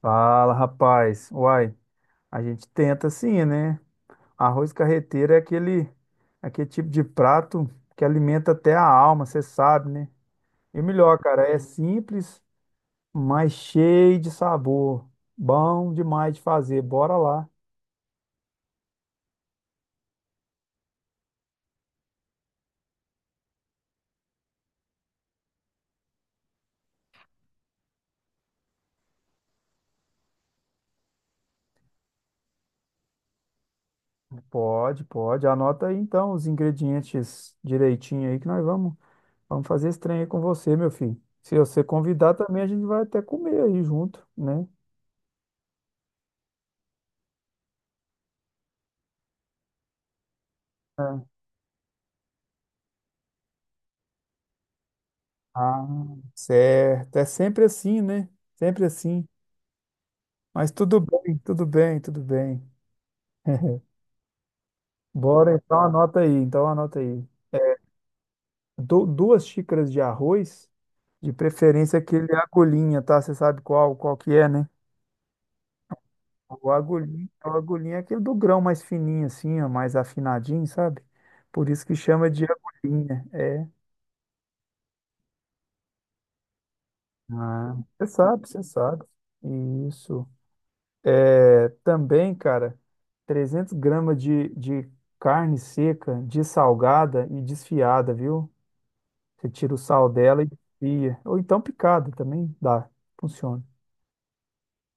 Fala, rapaz. Uai, a gente tenta sim, né? Arroz carreteiro é aquele tipo de prato que alimenta até a alma, você sabe, né? E o melhor, cara, é simples, mas cheio de sabor. Bom demais de fazer. Bora lá. Pode, pode. Anota aí então os ingredientes direitinho aí que nós vamos fazer esse trem aí com você, meu filho. Se você convidar também, a gente vai até comer aí junto, né? Ah, certo. É sempre assim, né? Sempre assim. Mas tudo bem, tudo bem, tudo bem. Bora, então anota aí, então anota aí. Duas xícaras de arroz, de preferência aquele agulhinha, tá? Você sabe qual que é, né? O agulhinha é aquele do grão mais fininho assim, ó, mais afinadinho, sabe? Por isso que chama de agulhinha, é. Ah, você sabe, você sabe. Isso. É, também, cara, 300 gramas de carne seca, dessalgada e desfiada, viu? Você tira o sal dela e desfia. Ou então picada também dá, funciona.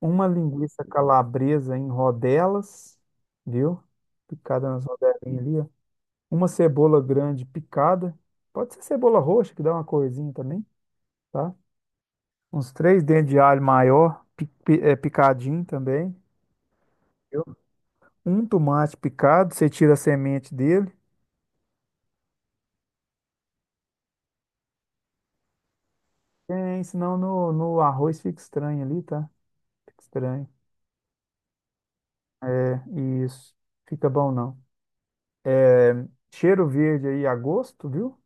Uma linguiça calabresa em rodelas, viu? Picada nas rodelinhas ali, ó. Uma cebola grande picada. Pode ser cebola roxa, que dá uma corzinha também, tá? Uns três dentes de alho maior, picadinho também. Um tomate picado, você tira a semente dele. Tem, senão no arroz fica estranho ali, tá? Fica estranho. Isso, fica bom não. Cheiro verde aí a gosto, viu?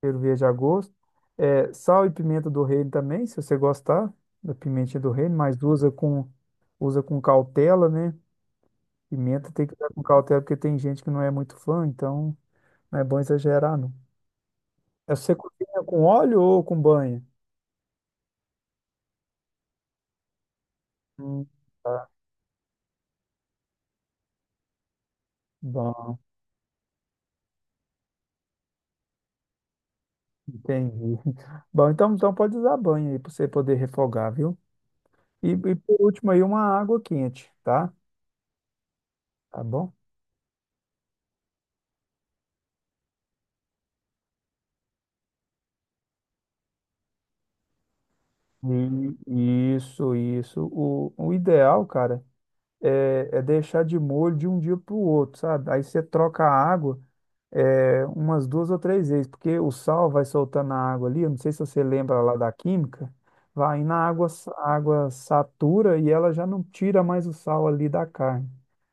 Cheiro verde a gosto. É, sal e pimenta do reino também, se você gostar da pimentinha do reino, mas usa com cautela, né? Pimenta tem que usar com cautela, porque tem gente que não é muito fã, então não é bom exagerar, não. É você cozinha com óleo ou com banha? Hum, tá. Bom. Entendi. Bom, então pode usar banho aí para você poder refogar, viu? E por último aí, uma água quente, tá? Tá bom? Isso, isso. O ideal, cara, é deixar de molho de um dia para o outro, sabe? Aí você troca a água umas duas ou três vezes, porque o sal vai soltando a água ali. Eu não sei se você lembra lá da química, vai na água, a água satura e ela já não tira mais o sal ali da carne.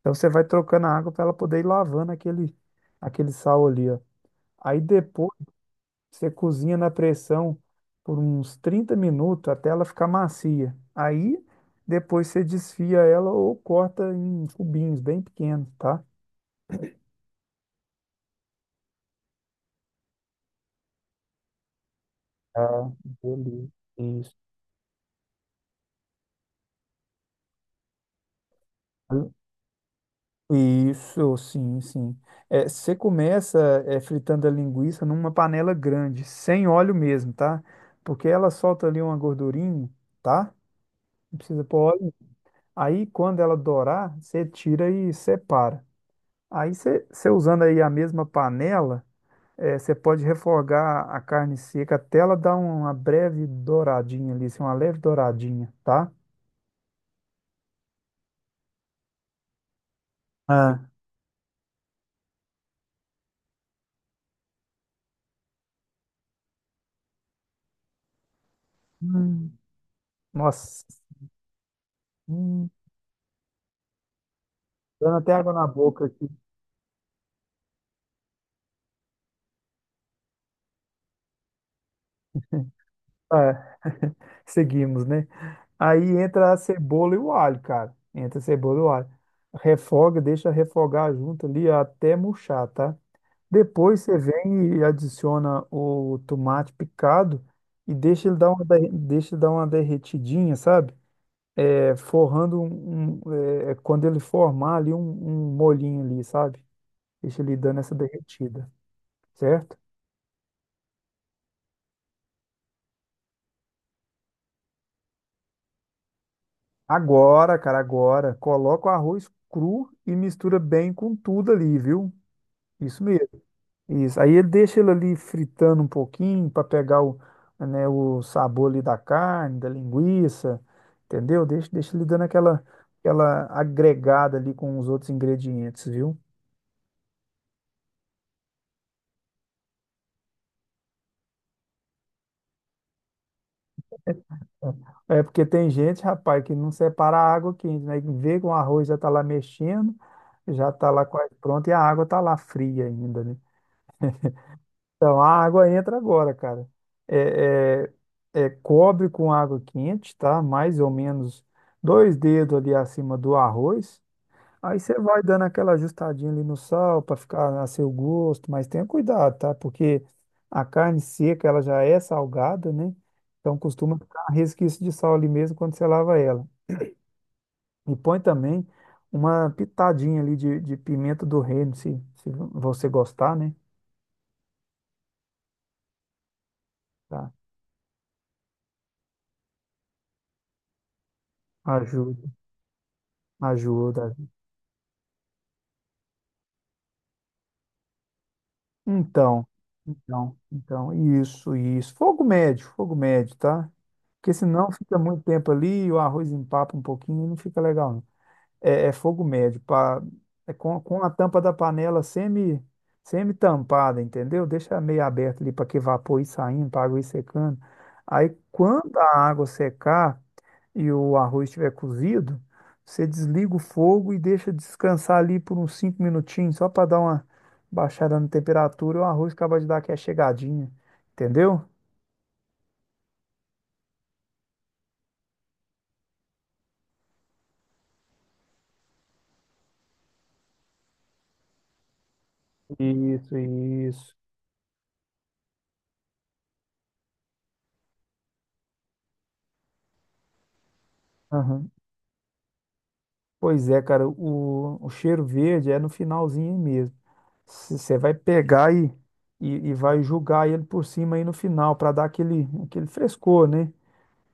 Então você vai trocando a água para ela poder ir lavando aquele sal ali, ó. Aí depois você cozinha na pressão por uns 30 minutos até ela ficar macia. Aí depois você desfia ela ou corta em cubinhos bem pequenos, tá? Ah, beleza. Isso. Isso, sim, sim. É, você começa fritando a linguiça numa panela grande, sem óleo mesmo, tá? Porque ela solta ali uma gordurinha, tá? Não precisa pôr óleo. Aí, quando ela dourar, você tira e separa. Aí, você usando aí a mesma panela, você pode refogar a carne seca até ela dar uma breve douradinha ali, assim, uma leve douradinha, tá? Ah, hum. Nossa. Hum. Dando até água na boca aqui. É, seguimos, né? Aí entra a cebola e o alho, cara. Entra a cebola e o alho. Refoga, deixa refogar junto ali até murchar, tá? Depois você vem e adiciona o tomate picado e deixa ele dar uma derretidinha, sabe? É, forrando quando ele formar ali um molhinho ali, sabe? Deixa ele dando essa derretida, certo? Agora, cara, agora, coloca o arroz cru e mistura bem com tudo ali, viu? Isso mesmo. Isso. Aí ele deixa ele ali fritando um pouquinho para pegar o, né, o sabor ali da carne, da linguiça, entendeu? Deixa ele dando aquela agregada ali com os outros ingredientes, viu? É é porque tem gente, rapaz, que não separa a água quente, né? Que vê que o arroz já tá lá mexendo, já tá lá quase pronto e a água tá lá fria ainda, né? Então, a água entra agora, cara. É, é, cobre com água quente, tá? Mais ou menos dois dedos ali acima do arroz. Aí você vai dando aquela ajustadinha ali no sal para ficar a seu gosto, mas tenha cuidado, tá? Porque a carne seca, ela já é salgada, né? Então costuma ficar um resquício de sal ali mesmo quando você lava ela. E põe também uma pitadinha ali de pimenta do reino, se você gostar, né? Tá? Ajuda, ajuda. Então, então, isso, isso. Fogo médio, tá? Porque senão fica muito tempo ali, o arroz empapa um pouquinho e não fica legal, é fogo médio, pá, é com a tampa da panela semi-tampada, entendeu? Deixa meio aberto ali para que vapor ir saindo, para água ir secando. Aí, quando a água secar e o arroz estiver cozido, você desliga o fogo e deixa descansar ali por uns cinco minutinhos, só para dar uma baixada na temperatura, e o arroz acaba de dar aquela chegadinha, entendeu? Isso, isso. Aham. Pois é, cara, o cheiro verde é no finalzinho mesmo. Se você vai pegar e vai jogar ele por cima aí no final para dar aquele frescor, né?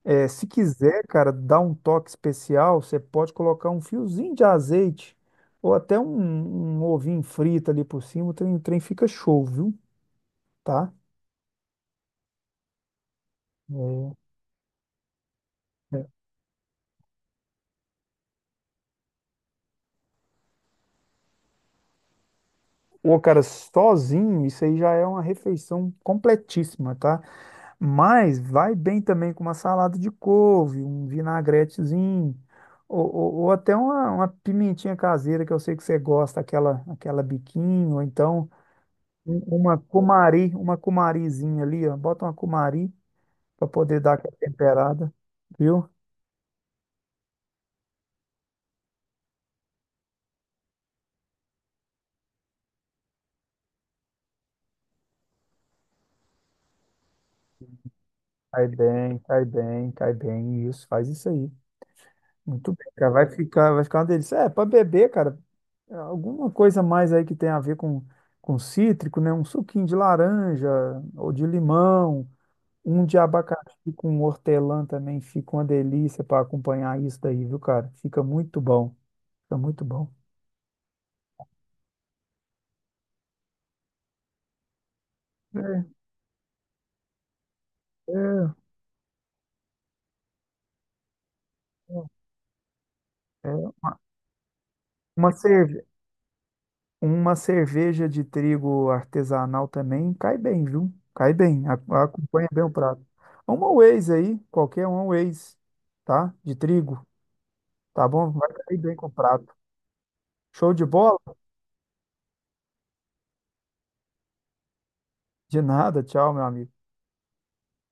É, se quiser, cara, dar um toque especial, você pode colocar um fiozinho de azeite ou até um ovinho frito ali por cima, o trem fica show, viu? Tá? É. é. Ô, cara, sozinho, isso aí já é uma refeição completíssima, tá? Mas vai bem também com uma salada de couve, um vinagretezinho, ou até uma pimentinha caseira que eu sei que você gosta, aquela biquinho, ou então uma cumarizinha ali, ó. Bota uma cumari para poder dar aquela temperada, viu? Cai bem, cai bem, cai bem, isso, faz isso aí. Muito bem, cara. Vai ficar uma delícia. É, para beber, cara, alguma coisa mais aí que tem a ver com cítrico, né? Um suquinho de laranja ou de limão, um de abacaxi com hortelã também fica uma delícia para acompanhar isso daí, viu, cara? Fica muito bom, fica muito bom. É, é, é. Uma cerve... uma cerveja de trigo artesanal também cai bem, viu? Cai bem, acompanha bem o prato. Uma Waze aí, qualquer uma Waze, tá? De trigo, tá bom? Vai cair bem com o prato. Show de bola? De nada, tchau, meu amigo.